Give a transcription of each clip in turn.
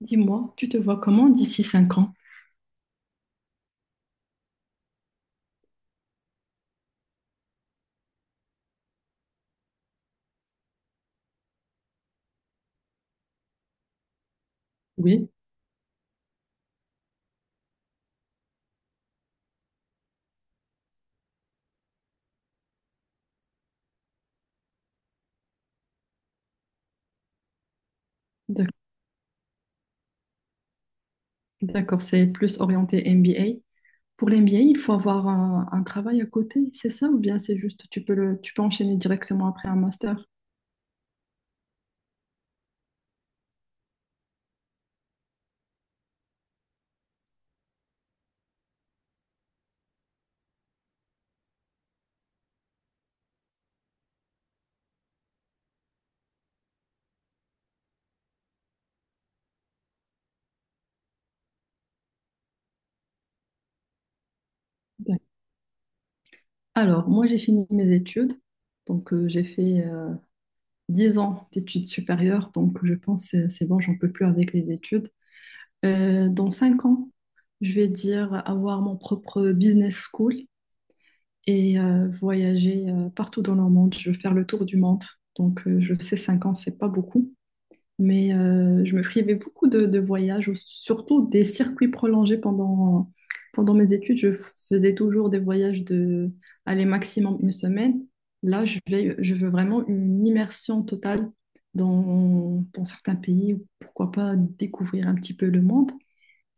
Dis-moi, tu te vois comment d'ici 5 ans? Oui, d'ac- d'accord, c'est plus orienté MBA. Pour l'MBA, il faut avoir un travail à côté, c'est ça? Ou bien c'est juste, tu peux tu peux enchaîner directement après un master? D'ac- Alors, moi, j'ai fini mes études. Donc, j'ai fait 10 ans d'études supérieures. Donc, je pense que c'est bon, j'en peux plus avec les études. Dans 5 ans, je vais dire avoir mon propre business school, et voyager partout dans le monde. Je veux faire le tour du monde. Donc, je sais, 5 ans, c'est pas beaucoup, mais je me privais beaucoup de voyages, ou surtout des circuits prolongés pendant mes études. Je faisais toujours des voyages aller maximum une semaine. Là, je veux vraiment une immersion totale dans certains pays, ou pourquoi pas découvrir un petit peu le monde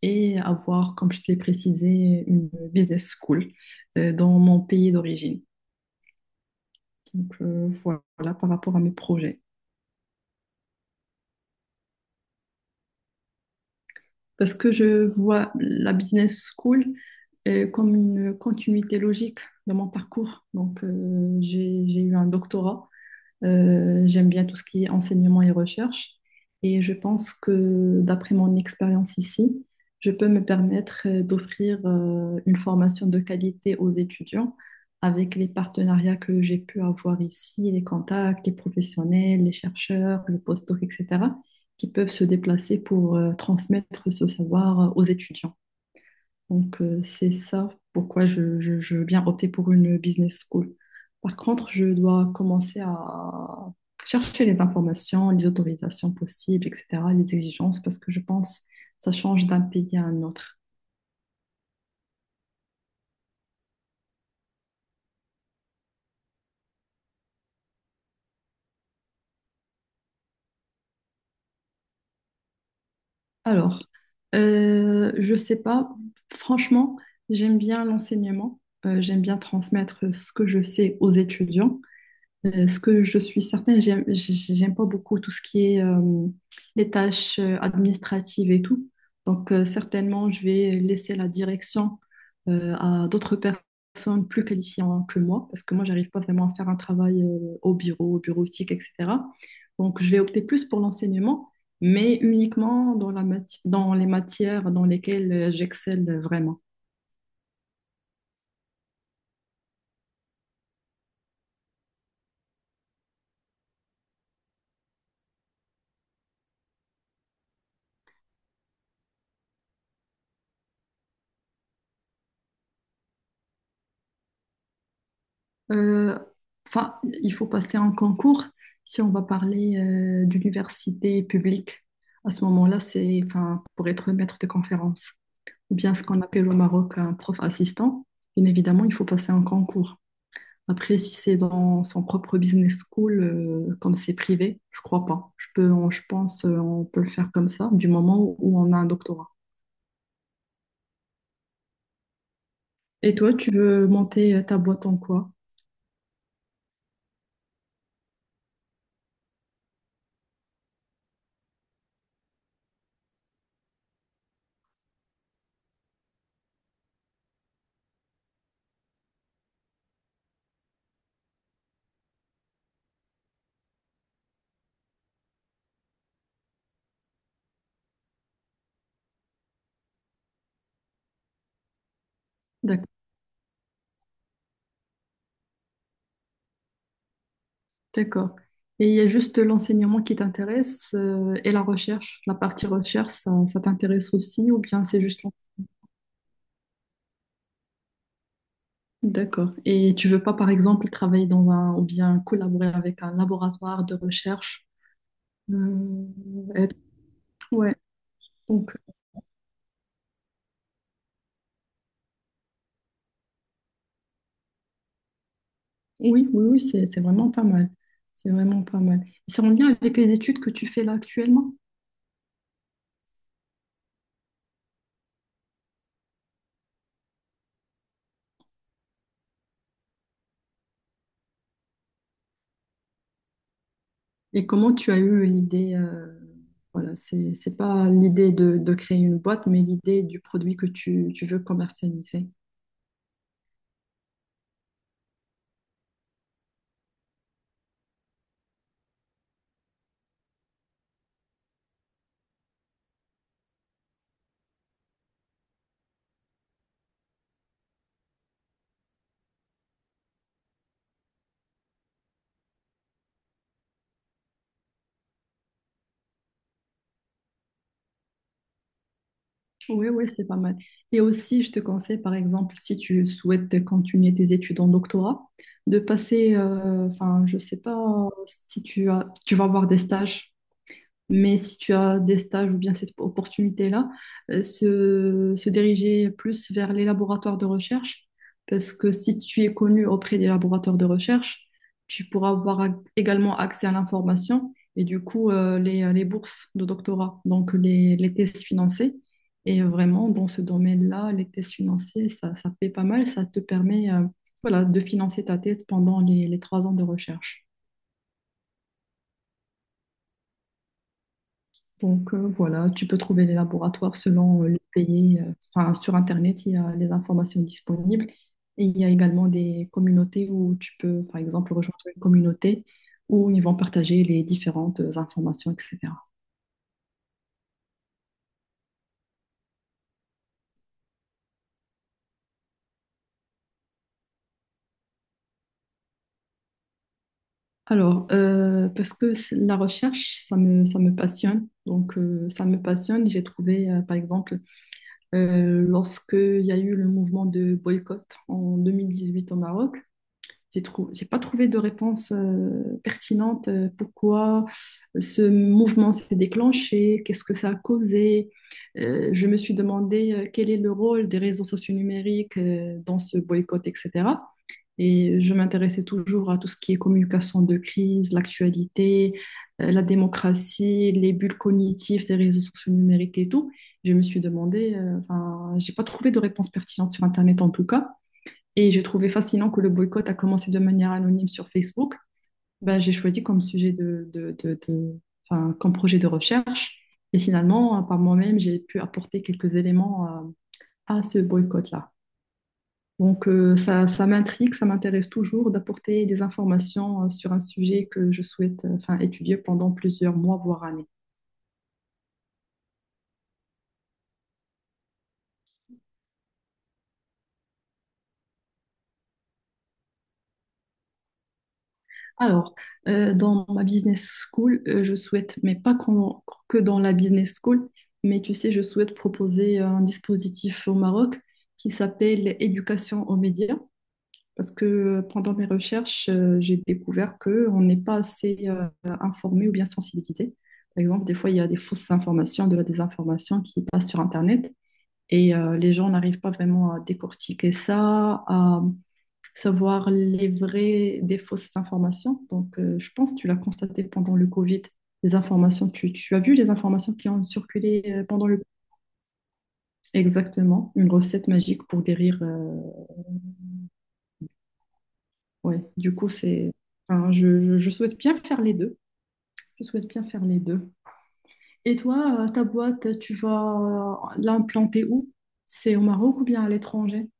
et avoir, comme je te l'ai précisé, une business school dans mon pays d'origine. Donc voilà, par rapport à mes projets. Parce que je vois la business school comme une continuité logique de mon parcours. Donc j'ai eu un doctorat. J'aime bien tout ce qui est enseignement et recherche. Et je pense que d'après mon expérience ici, je peux me permettre d'offrir une formation de qualité aux étudiants avec les partenariats que j'ai pu avoir ici, les contacts, les professionnels, les chercheurs, les postdocs, etc., qui peuvent se déplacer pour transmettre ce savoir aux étudiants. Donc, c'est ça pourquoi je veux bien opter pour une business school. Par contre, je dois commencer à chercher les informations, les autorisations possibles, etc., les exigences, parce que je pense que ça change d'un pays à un autre. Alors, je sais pas, franchement, j'aime bien l'enseignement, j'aime bien transmettre ce que je sais aux étudiants. Ce que je suis certaine, j'aime pas beaucoup tout ce qui est les tâches administratives et tout. Donc, certainement, je vais laisser la direction à d'autres personnes plus qualifiées que moi, parce que moi, j'arrive pas vraiment à faire un travail au bureau, au bureautique, etc. Donc, je vais opter plus pour l'enseignement, mais uniquement dans dans les matières dans lesquelles j'excelle vraiment. Euh, enfin, il faut passer un concours si on va parler d'université publique. À ce moment-là, c'est, enfin, pour être maître de conférence, ou bien ce qu'on appelle au Maroc un prof assistant. Bien évidemment, il faut passer un concours. Après, si c'est dans son propre business school, comme c'est privé, je crois pas. Je pense, on peut le faire comme ça, du moment où on a un doctorat. Et toi, tu veux monter ta boîte en quoi? D'accord. D'accord. Et il y a juste l'enseignement qui t'intéresse et la recherche. La partie recherche, ça t'intéresse aussi ou bien c'est juste... D'accord. Et tu veux pas, par exemple, travailler dans un... ou bien collaborer avec un laboratoire de recherche, euh, être- ouais. Donc, oui, oui, oui, c'est vraiment pas mal. C'est vraiment pas mal. C'est en lien avec les études que tu fais là actuellement. Et comment tu as eu l'idée... Voilà, c'est pas l'idée de créer une boîte, mais l'idée du produit que tu veux commercialiser. Oui, oui, c'est pas mal. Et aussi, je te conseille, par exemple, si tu souhaites continuer tes études en doctorat, de passer, je sais pas si tu vas avoir des stages, mais si tu as des stages ou bien cette opportunité-là, se diriger plus vers les laboratoires de recherche, parce que si tu es connu auprès des laboratoires de recherche, tu pourras avoir également accès à l'information et du coup les bourses de doctorat, donc les thèses financées. Et vraiment, dans ce domaine-là, les thèses financées, ça paie pas mal, ça te permet voilà, de financer ta thèse pendant les 3 ans de recherche. Donc voilà, tu peux trouver les laboratoires selon le pays. Enfin, sur Internet, il y a les informations disponibles. Et il y a également des communautés où tu peux, par exemple, rejoindre une communauté où ils vont partager les différentes informations, etc. Alors, parce que la recherche, ça me passionne. Donc, ça me passionne. J'ai trouvé, par exemple, lorsque il y a eu le mouvement de boycott en 2018 au Maroc, j'ai pas trouvé de réponse pertinente. Pourquoi ce mouvement s'est déclenché? Qu'est-ce que ça a causé? Je me suis demandé quel est le rôle des réseaux sociaux numériques dans ce boycott, etc. Et je m'intéressais toujours à tout ce qui est communication de crise, l'actualité, la démocratie, les bulles cognitives des réseaux sociaux numériques et tout. Je me suis demandé, j'ai pas trouvé de réponse pertinente sur Internet en tout cas. Et j'ai trouvé fascinant que le boycott a commencé de manière anonyme sur Facebook. Ben, j'ai choisi comme sujet comme projet de recherche. Et finalement, par moi-même, j'ai pu apporter quelques éléments à ce boycott-là. Donc, ça m'intrigue, ça m'intéresse toujours d'apporter des informations sur un sujet que je souhaite, étudier pendant plusieurs mois, voire années. Alors, dans ma business school, je souhaite, mais pas qu'en- que dans la business school, mais tu sais, je souhaite proposer un dispositif au Maroc qui s'appelle éducation aux médias, parce que pendant mes recherches, j'ai découvert qu'on n'est pas assez informé ou bien sensibilisé. Par exemple, des fois, il y a des fausses informations, de la désinformation qui passe sur Internet et les gens n'arrivent pas vraiment à décortiquer ça, savoir les vraies des fausses informations. Donc, je pense que tu l'as constaté pendant le Covid, les informations, tu as vu les informations qui ont circulé pendant le... Exactement, une recette magique pour guérir. Ouais, du coup, c'est... enfin, je souhaite bien faire les deux. Je souhaite bien faire les deux. Et toi, ta boîte, tu vas l'implanter où? C'est au Maroc ou bien à l'étranger?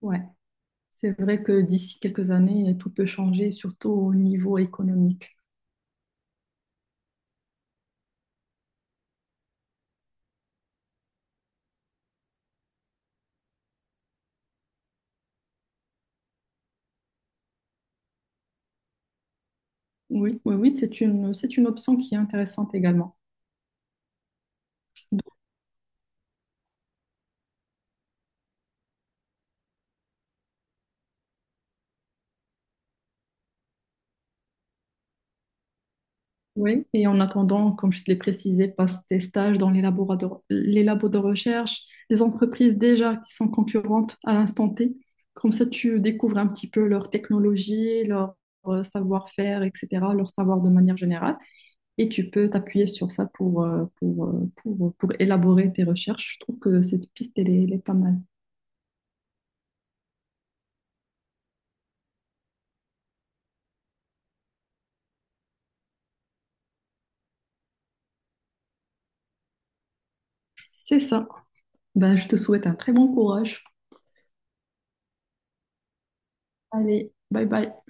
Ouais, c'est vrai que d'ici quelques années, tout peut changer, surtout au niveau économique. Oui, oui, oui, c'est une option qui est intéressante également. Oui, et en attendant, comme je te l'ai précisé, passe tes stages dans les labos de recherche, les entreprises déjà qui sont concurrentes à l'instant T. Comme ça, tu découvres un petit peu leur technologie, leur savoir-faire, etc., leur savoir de manière générale. Et tu peux t'appuyer sur ça pour élaborer tes recherches. Je trouve que cette piste, elle est pas mal. C'est ça. Ben, je te souhaite un très bon courage. Allez, bye bye.